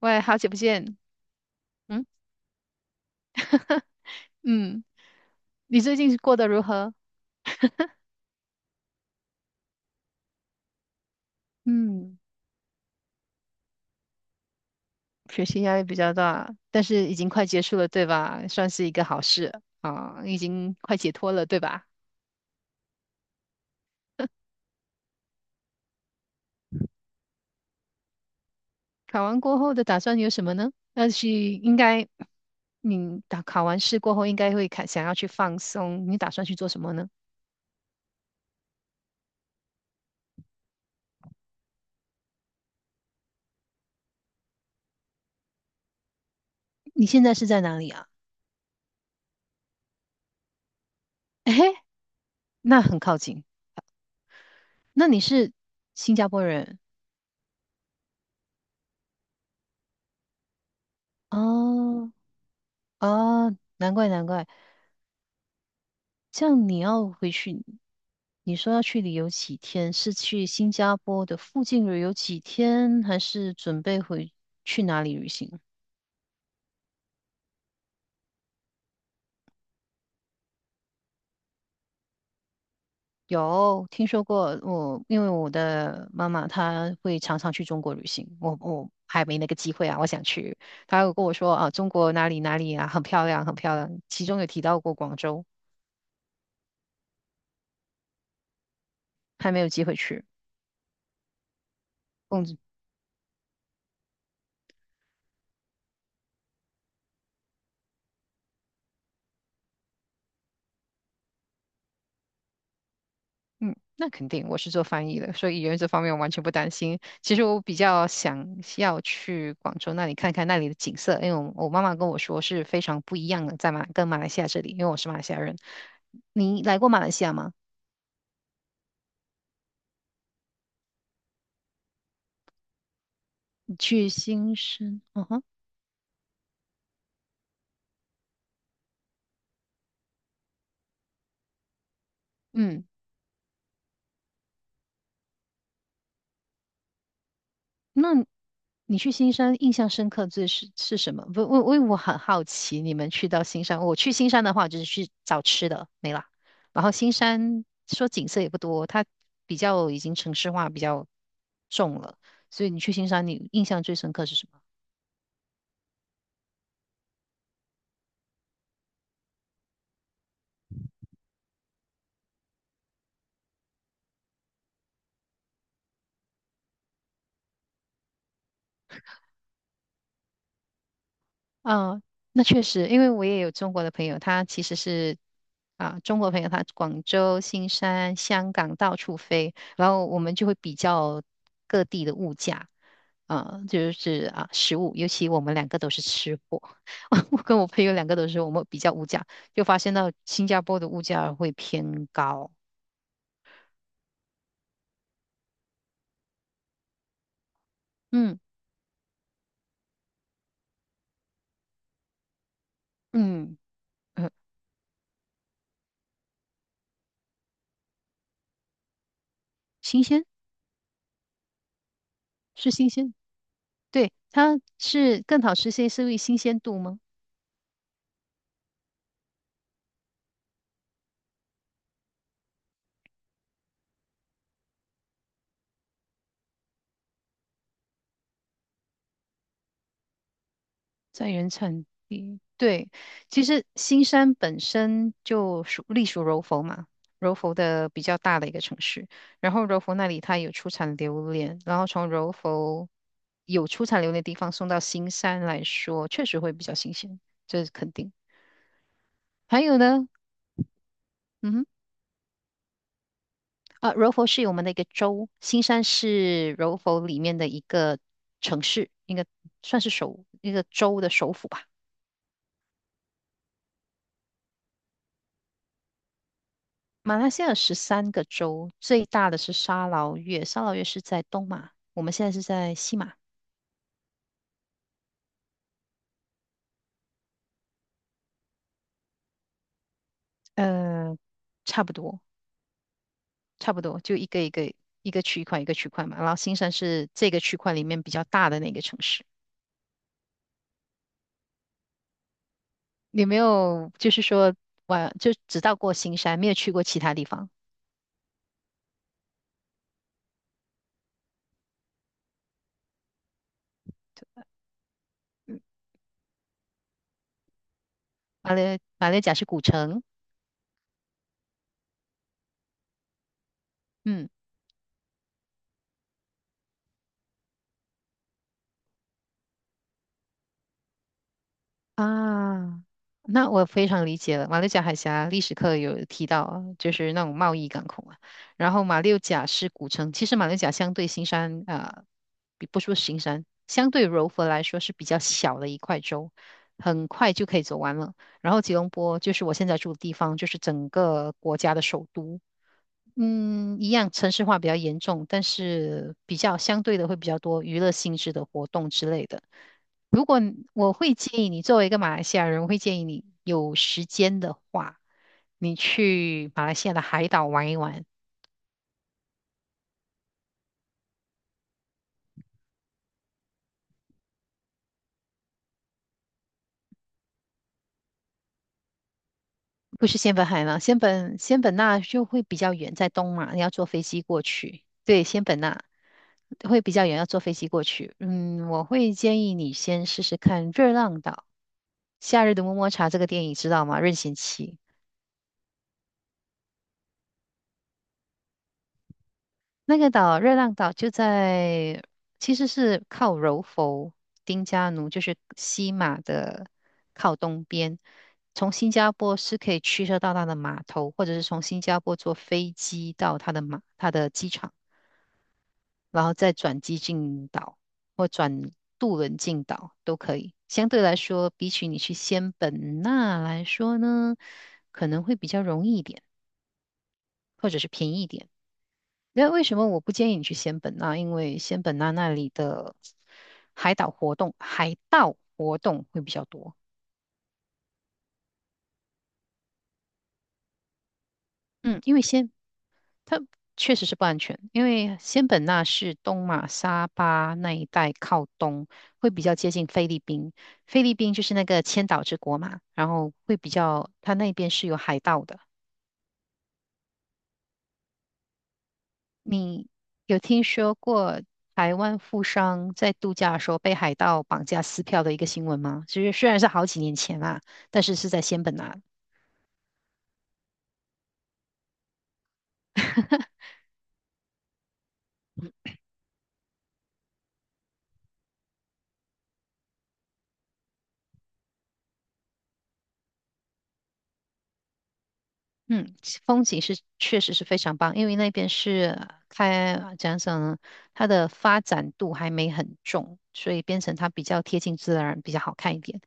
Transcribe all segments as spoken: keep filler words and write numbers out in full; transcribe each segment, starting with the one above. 喂，好久不见。嗯嗯，你最近过得如何？嗯，学习压力比较大，但是已经快结束了，对吧？算是一个好事啊，已经快解脱了，对吧？考完过后的打算有什么呢？要去，应该你打考完试过后，应该会看想要去放松，你打算去做什么呢？你现在是在哪里啊？诶，那很靠近。那你是新加坡人哦。哦，难怪难怪。这样你要回去，你说要去旅游几天？是去新加坡的附近旅游几天，还是准备回去哪里旅行？有听说过我，因为我的妈妈她会常常去中国旅行，我我还没那个机会啊，我想去。她有跟我说啊，中国哪里哪里啊，很漂亮，很漂亮，其中有提到过广州，还没有机会去。嗯，那肯定，我是做翻译的，所以语言这方面我完全不担心。其实我比较想要去广州那里看看那里的景色，因为我我妈妈跟我说是非常不一样的，在马跟马来西亚这里，因为我是马来西亚人。你来过马来西亚吗？你去新生，嗯哼，嗯。那你去新山印象深刻最是是什么？不，我我我很好奇，你们去到新山，我去新山的话就是去找吃的，没了。然后新山说景色也不多，它比较已经城市化比较重了，所以你去新山，你印象最深刻是什么？啊，那确实，因为我也有中国的朋友，他其实是啊，中国朋友他广州、新山、香港到处飞，然后我们就会比较各地的物价啊，就是啊食物，尤其我们两个都是吃货，我跟我朋友两个都是我们比较物价，就发现到新加坡的物价会偏高，嗯嗯嗯，呃新鲜是新鲜，对，它是更好吃些，是因为新鲜度吗？在原产地，对，其实新山本身就属隶属柔佛嘛，柔佛的比较大的一个城市。然后柔佛那里它有出产榴莲，然后从柔佛有出产榴莲的地方送到新山来说，确实会比较新鲜，这是肯定。还有呢，嗯哼，啊，柔佛是我们的一个州，新山是柔佛里面的一个城市，应该算是首一个州的首府吧。马来西亚有十三个州，最大的是沙劳越，沙劳越是在东马，我们现在是在西马，呃，差不多，差不多，就一个一个一个区块一个区块嘛。然后新山是这个区块里面比较大的那个城市。你没有就是说玩，就只到过新山，没有去过其他地方。嗯马六马六甲是古城，嗯，啊，那我非常理解了。马六甲海峡历史课有提到啊就是那种贸易港口啊。然后马六甲是古城，其实马六甲相对新山啊，比不说新山，相对柔佛来说是比较小的一块州，很快就可以走完了。然后吉隆坡就是我现在住的地方，就是整个国家的首都。嗯，一样城市化比较严重，但是比较相对的会比较多娱乐性质的活动之类的。如果你我会建议你，作为一个马来西亚人，我会建议你有时间的话，你去马来西亚的海岛玩一玩，不是仙本海吗？仙本仙本那就会比较远，在东马，你要坐飞机过去。对，仙本那会比较远，要坐飞机过去。嗯，我会建议你先试试看《热浪岛》《夏日的么么茶》这个电影，知道吗？任贤齐。那个岛热浪岛就在，其实是靠柔佛、丁加奴，就是西马的靠东边。从新加坡是可以驱车到它的码头，或者是从新加坡坐飞机到它的码、它的机场，然后再转机进岛或转渡轮进岛都可以。相对来说，比起你去仙本那来说呢，可能会比较容易一点，或者是便宜一点。那为什么我不建议你去仙本那？因为仙本那那里的海岛活动，海盗活动会比较多。嗯，因为仙它确实是不安全，因为仙本那是东马沙巴那一带靠东，会比较接近菲律宾。菲律宾就是那个千岛之国嘛，然后会比较，它那边是有海盗的。你有听说过台湾富商在度假的时候被海盗绑架撕票的一个新闻吗？就是虽然是好几年前啦，但是是在仙本那。嗯，其风景是确实是非常棒，因为那边是开讲讲呢，它的发展度还没很重，所以变成它比较贴近自然，比较好看一点。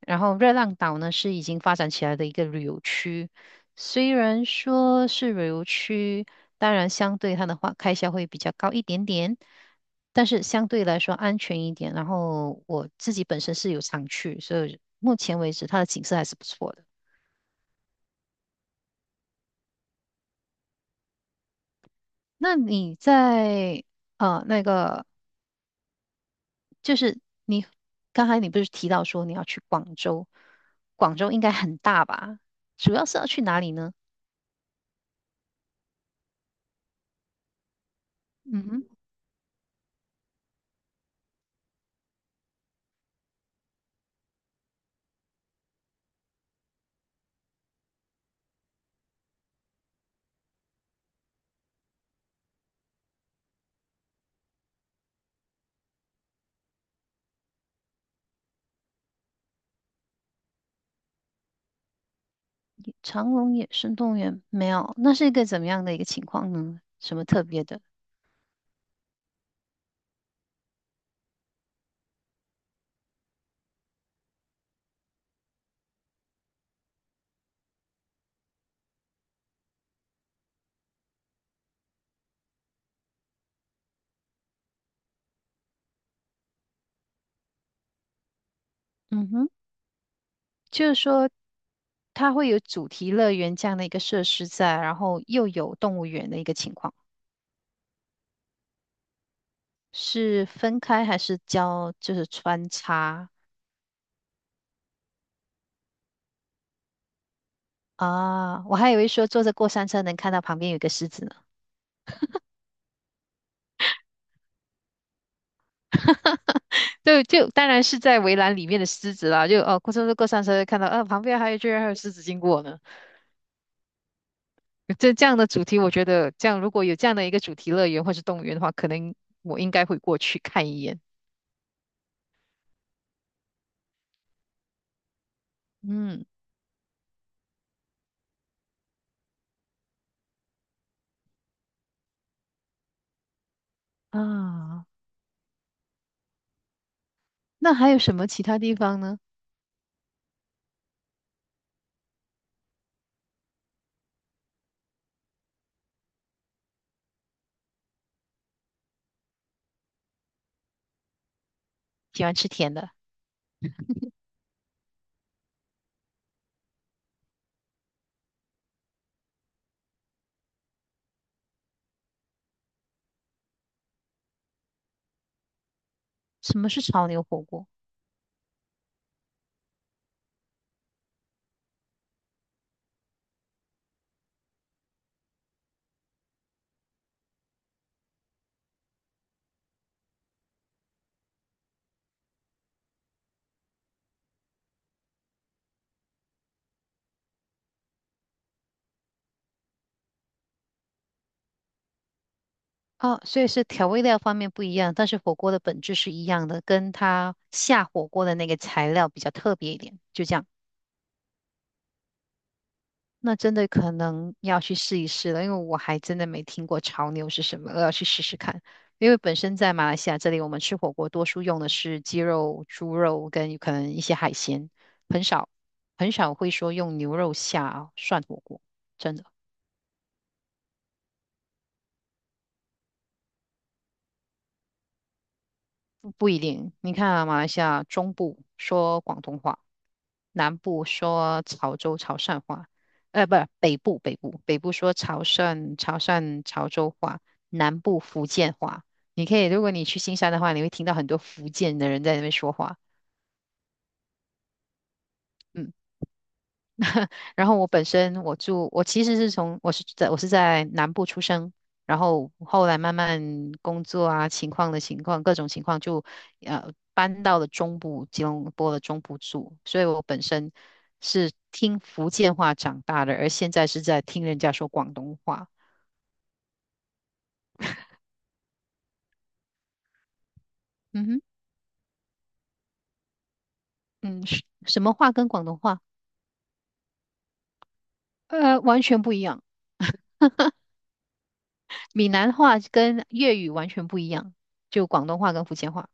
然后热浪岛呢是已经发展起来的一个旅游区，虽然说是旅游区，当然相对它的话开销会比较高一点点，但是相对来说安全一点。然后我自己本身是有常去，所以目前为止它的景色还是不错的。那你在呃那个，就是你刚才你不是提到说你要去广州，广州应该很大吧？主要是要去哪里呢？嗯哼，长隆野生动物园没有，那是一个怎么样的一个情况呢？什么特别的？嗯哼，就是说它会有主题乐园这样的一个设施在，然后又有动物园的一个情况，是分开还是交就是穿插啊？我还以为说坐着过山车能看到旁边有一个狮子呢。就就当然是在围栏里面的狮子啦，就哦，过车过山车看到，啊，旁边还有居然还有狮子经过呢。这这样的主题，我觉得这样如果有这样的一个主题乐园或是动物园的话，可能我应该会过去看一眼。嗯啊，那还有什么其他地方呢？喜欢吃甜的，什么是潮牛火锅？哦，所以是调味料方面不一样，但是火锅的本质是一样的，跟它下火锅的那个材料比较特别一点，就这样。那真的可能要去试一试了，因为我还真的没听过潮牛是什么，我要去试试看。因为本身在马来西亚这里，我们吃火锅多数用的是鸡肉、猪肉跟可能一些海鲜，很少很少会说用牛肉下涮火锅，真的不一定。你看啊，马来西亚中部说广东话。南部说潮州潮汕话，呃，不，是北部北部北部说潮汕潮汕潮州话，南部福建话。你可以，如果你去新山的话，你会听到很多福建的人在那边说话。嗯。然后我本身我住，我其实是从我是在我是在南部出生，然后后来慢慢工作啊情况的情况各种情况就呃搬到了中部吉隆坡的中部住，所以我本身是听福建话长大的，而现在是在听人家说广东话。嗯哼，嗯，是什么话跟广东话？呃，完全不一样。闽南话跟粤语完全不一样，就广东话跟福建话。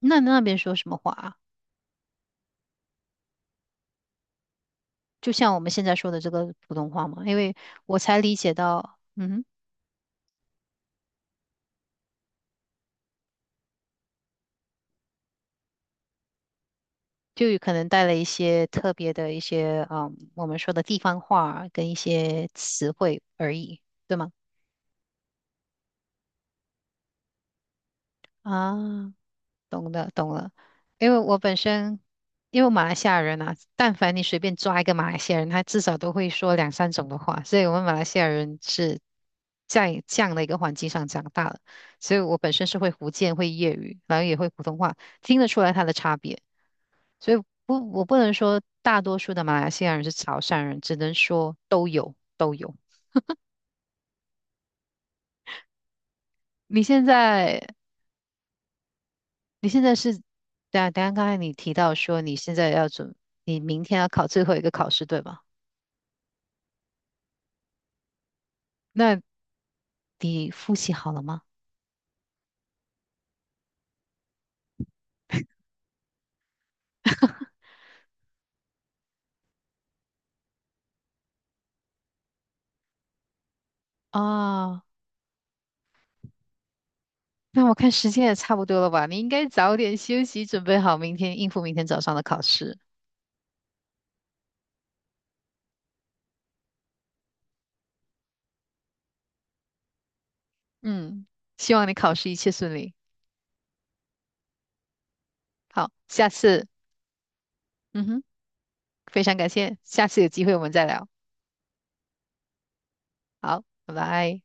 那那边说什么话啊？就像我们现在说的这个普通话嘛，因为我才理解到，嗯哼就有可能带了一些特别的一些，嗯，我们说的地方话跟一些词汇而已，对吗？啊，懂了，懂了。因为我本身，因为马来西亚人啊，但凡你随便抓一个马来西亚人，他至少都会说两三种的话，所以我们马来西亚人是在这样的一个环境上长大的，所以我本身是会福建、会粤语，然后也会普通话，听得出来它的差别。所以不，我不能说大多数的马来西亚人是潮汕人，只能说都有都有。你现在你现在是，等啊，等下刚才你提到说你现在要准，你明天要考最后一个考试，对吧？那你复习好了吗？啊，那我看时间也差不多了吧，你应该早点休息，准备好明天应付明天早上的考试。嗯，希望你考试一切顺利。好，下次，嗯哼，非常感谢，下次有机会我们再聊。好，拜拜。